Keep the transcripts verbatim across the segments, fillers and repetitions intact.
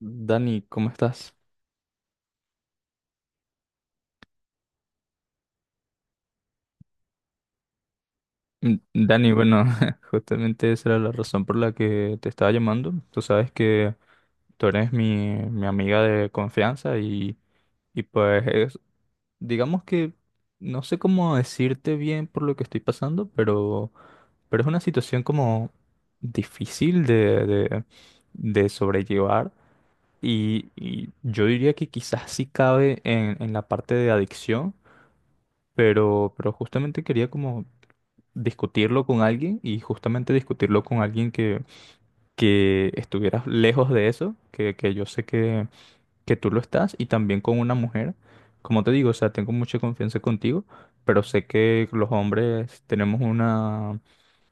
Dani, ¿cómo estás? Mm, Dani, bueno, justamente esa era la razón por la que te estaba llamando. Tú sabes que tú eres mi, mi amiga de confianza y, y pues es- digamos que no sé cómo decirte bien por lo que estoy pasando, pero, pero es una situación como difícil de, de, de sobrellevar y, y yo diría que quizás sí cabe en, en la parte de adicción, pero, pero justamente quería como discutirlo con alguien y justamente discutirlo con alguien que, que estuviera lejos de eso, que, que yo sé que, que tú lo estás, y también con una mujer. Como te digo, o sea, tengo mucha confianza contigo, pero sé que los hombres tenemos una,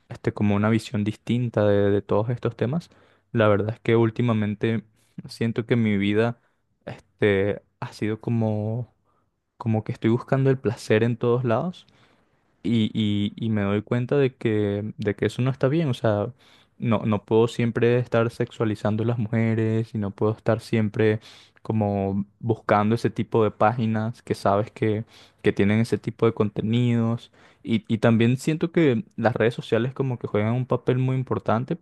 este, como una visión distinta de, de todos estos temas. La verdad es que últimamente siento que mi vida, este, ha sido como, como que estoy buscando el placer en todos lados y, y- y me doy cuenta de que, de que eso no está bien. O sea, no, no puedo siempre estar sexualizando a las mujeres y no puedo estar siempre como buscando ese tipo de páginas que sabes que, que tienen ese tipo de contenidos. Y, y también siento que las redes sociales como que juegan un papel muy importante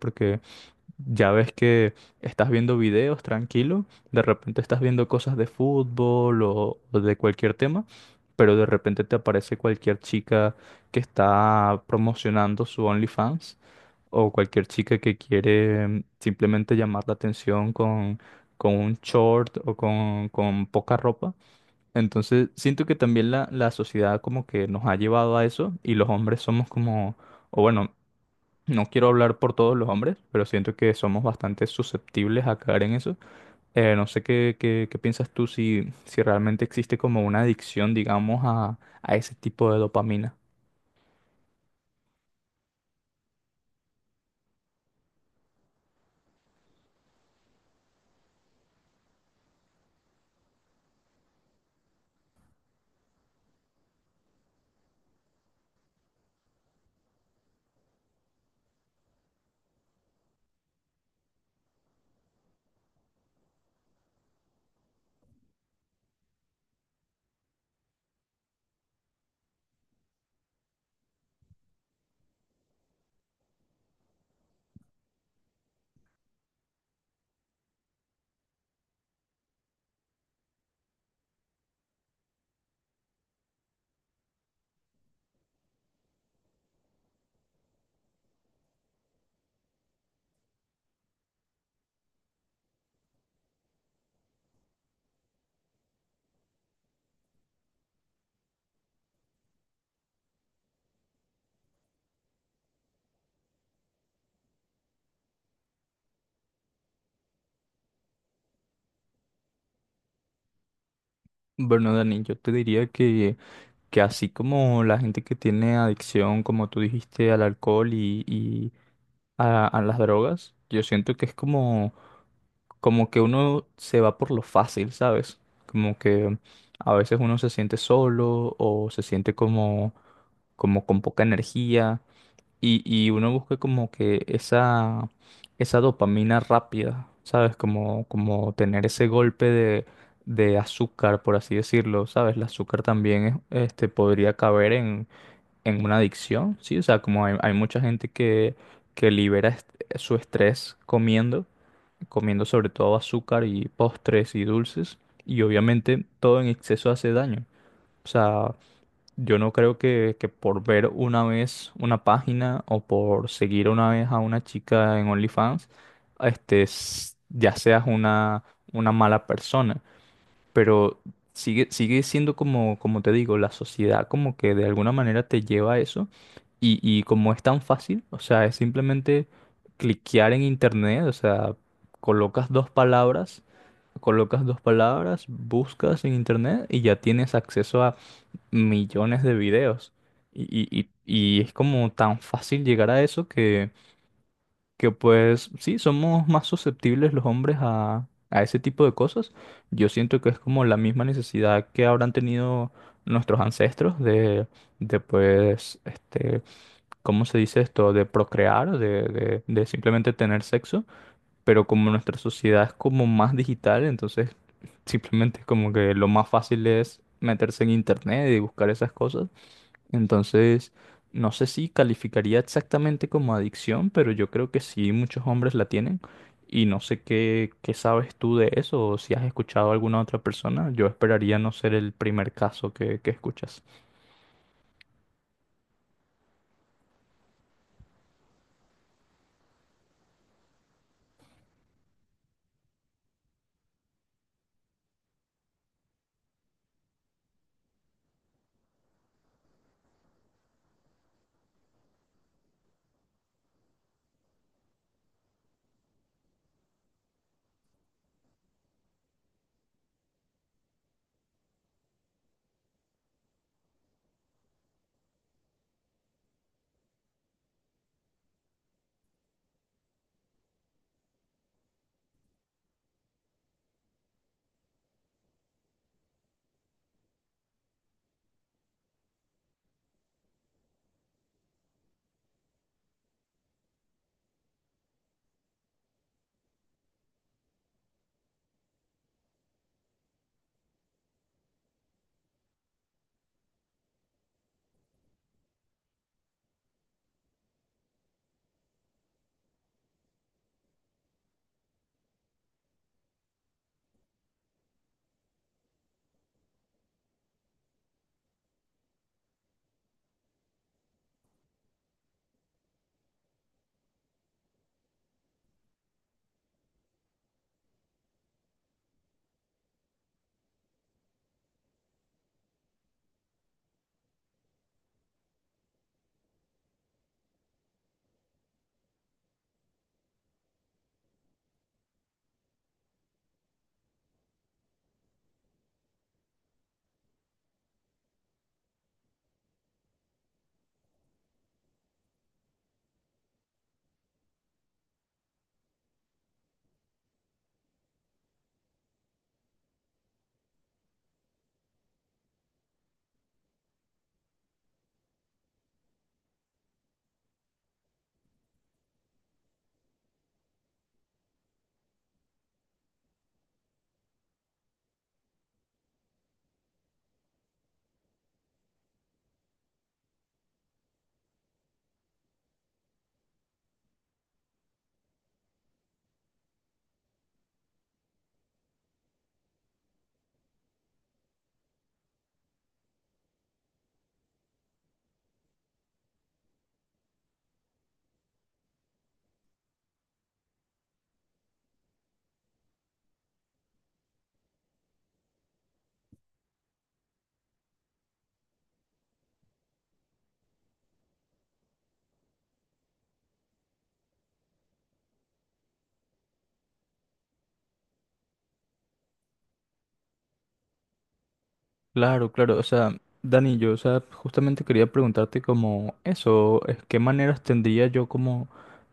ya ves que estás viendo videos tranquilo, de repente estás viendo cosas de fútbol o, o de cualquier tema, pero de repente te aparece cualquier chica que está promocionando su OnlyFans o cualquier chica que quiere mm, simplemente llamar la atención con, con un short o con, con poca ropa. Entonces siento que también la, la sociedad como que nos ha llevado a eso y los hombres somos como, o bueno, no quiero hablar por todos los hombres, pero siento que somos bastante susceptibles a caer en eso. Eh, no sé qué, qué, qué piensas tú si, si realmente existe como una adicción, digamos, a, a ese tipo de dopamina. Bueno, Dani, yo te diría que, que así como la gente que tiene adicción, como tú dijiste, al alcohol y, y a, a las drogas, yo siento que es como, como que uno se va por lo fácil, ¿sabes? Como que a veces uno se siente solo o se siente como como con poca energía y, y uno busca como que esa, esa dopamina rápida, ¿sabes? Como, como tener ese golpe de, de azúcar, por así decirlo, ¿sabes? El azúcar también es- este, podría caber en, en una adicción, ¿sí? O sea, como hay, hay mucha gente que, que libera est- su estrés comiendo, comiendo sobre todo azúcar y postres y dulces y obviamente todo en exceso hace daño. O sea, yo no creo que, que por ver una vez una página o por seguir una vez a una chica en OnlyFans, este, s- ya seas una, una mala persona. Pero sigue, sigue siendo como, como te digo, la sociedad como que de alguna manera te lleva a eso. Y, y como es tan fácil, o sea, es simplemente cliquear en internet, o sea, colocas dos palabras, colocas dos palabras, buscas en internet y ya tienes acceso millones de videos. Y, y- y- y es como tan fácil llegar a eso que, que pues sí, somos más susceptibles los hombres a, a ese tipo de cosas. Yo siento que es como la misma necesidad que habrán tenido nuestros ancestros de, de pues, este, ¿cómo se dice esto? De procrear, de, de, de simplemente tener sexo. Pero como nuestra sociedad es como más digital, entonces simplemente es como que lo más fácil es meterse en internet y buscar esas cosas. Entonces, no sé si calificaría exactamente como adicción, pero yo creo que sí, muchos hombres la tienen. Y no sé qué, qué sabes tú de eso o si has escuchado a alguna otra persona. Yo esperaría no ser el primer caso que, que escuchas. Claro, claro. O sea, Dani, yo, o sea, justamente quería preguntarte como eso, es, ¿qué maneras tendría yo como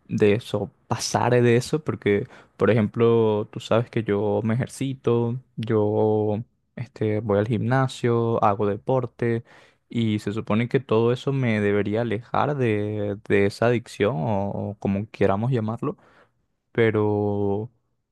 de eso, pasar de eso? Porque, por ejemplo, tú sabes que yo me ejercito, yo este, voy al gimnasio, hago deporte, y se supone que todo eso me debería alejar de, de esa adicción, o como queramos llamarlo, pero,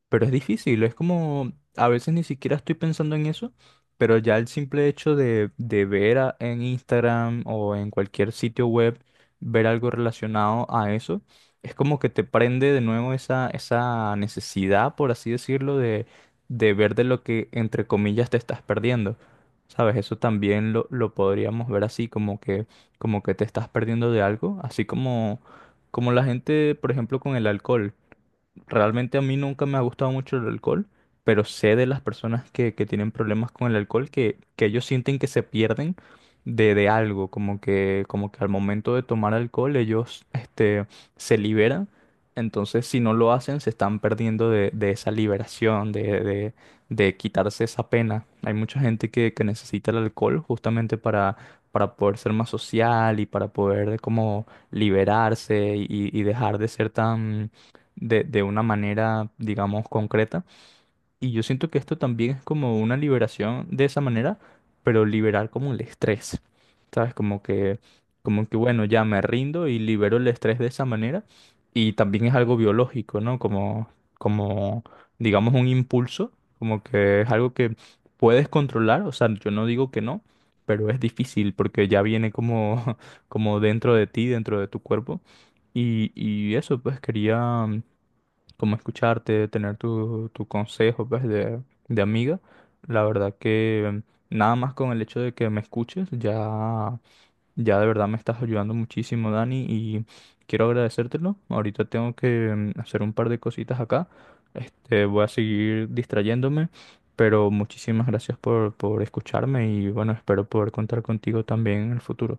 pero es difícil, es como, a veces ni siquiera estoy pensando en eso, pero ya el simple hecho de, de ver a- en Instagram o en cualquier sitio web, ver algo relacionado a eso, es como que te prende de nuevo esa, esa necesidad, por así decirlo, de, de ver de lo que, entre comillas, te estás perdiendo. ¿Sabes? Eso también lo, lo podríamos ver así, como que, como que te estás perdiendo de algo, así como, como la gente, por ejemplo, con el alcohol. Realmente a mí nunca me ha gustado mucho el alcohol, pero sé de las personas que, que tienen problemas con el alcohol que, que ellos sienten que se pierden de, de algo, como que, como que al momento de tomar alcohol ellos este, se liberan, entonces si no lo hacen se están perdiendo de, de esa liberación, de, de, de quitarse esa pena. Hay mucha gente que, que necesita el alcohol justamente para, para poder ser más social y para poder como liberarse y, y dejar de ser tan de, de una manera, digamos, concreta. Y yo siento que esto también es como una liberación de esa manera, pero liberar como el estrés, ¿sabes? Como que, como que, bueno, ya me rindo y libero el estrés de esa manera. Y también es algo biológico, ¿no? Como, como, digamos, un impulso, como que es algo que puedes controlar, o sea, yo no digo que no. Pero es difícil porque ya viene como, como dentro de ti, dentro de tu cuerpo. Y, y eso, pues quería, como escucharte, tener tu, tu consejo, pues, de, de amiga. La verdad que nada más con el hecho de que me escuches, ya, ya de verdad me estás ayudando muchísimo, Dani, y quiero agradecértelo. Ahorita tengo que mm, hacer un par de cositas acá. Este, voy a seguir distrayéndome, pero muchísimas gracias por, por escucharme y bueno, espero poder contar contigo también en el futuro.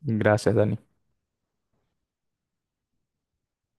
Gracias, Dani.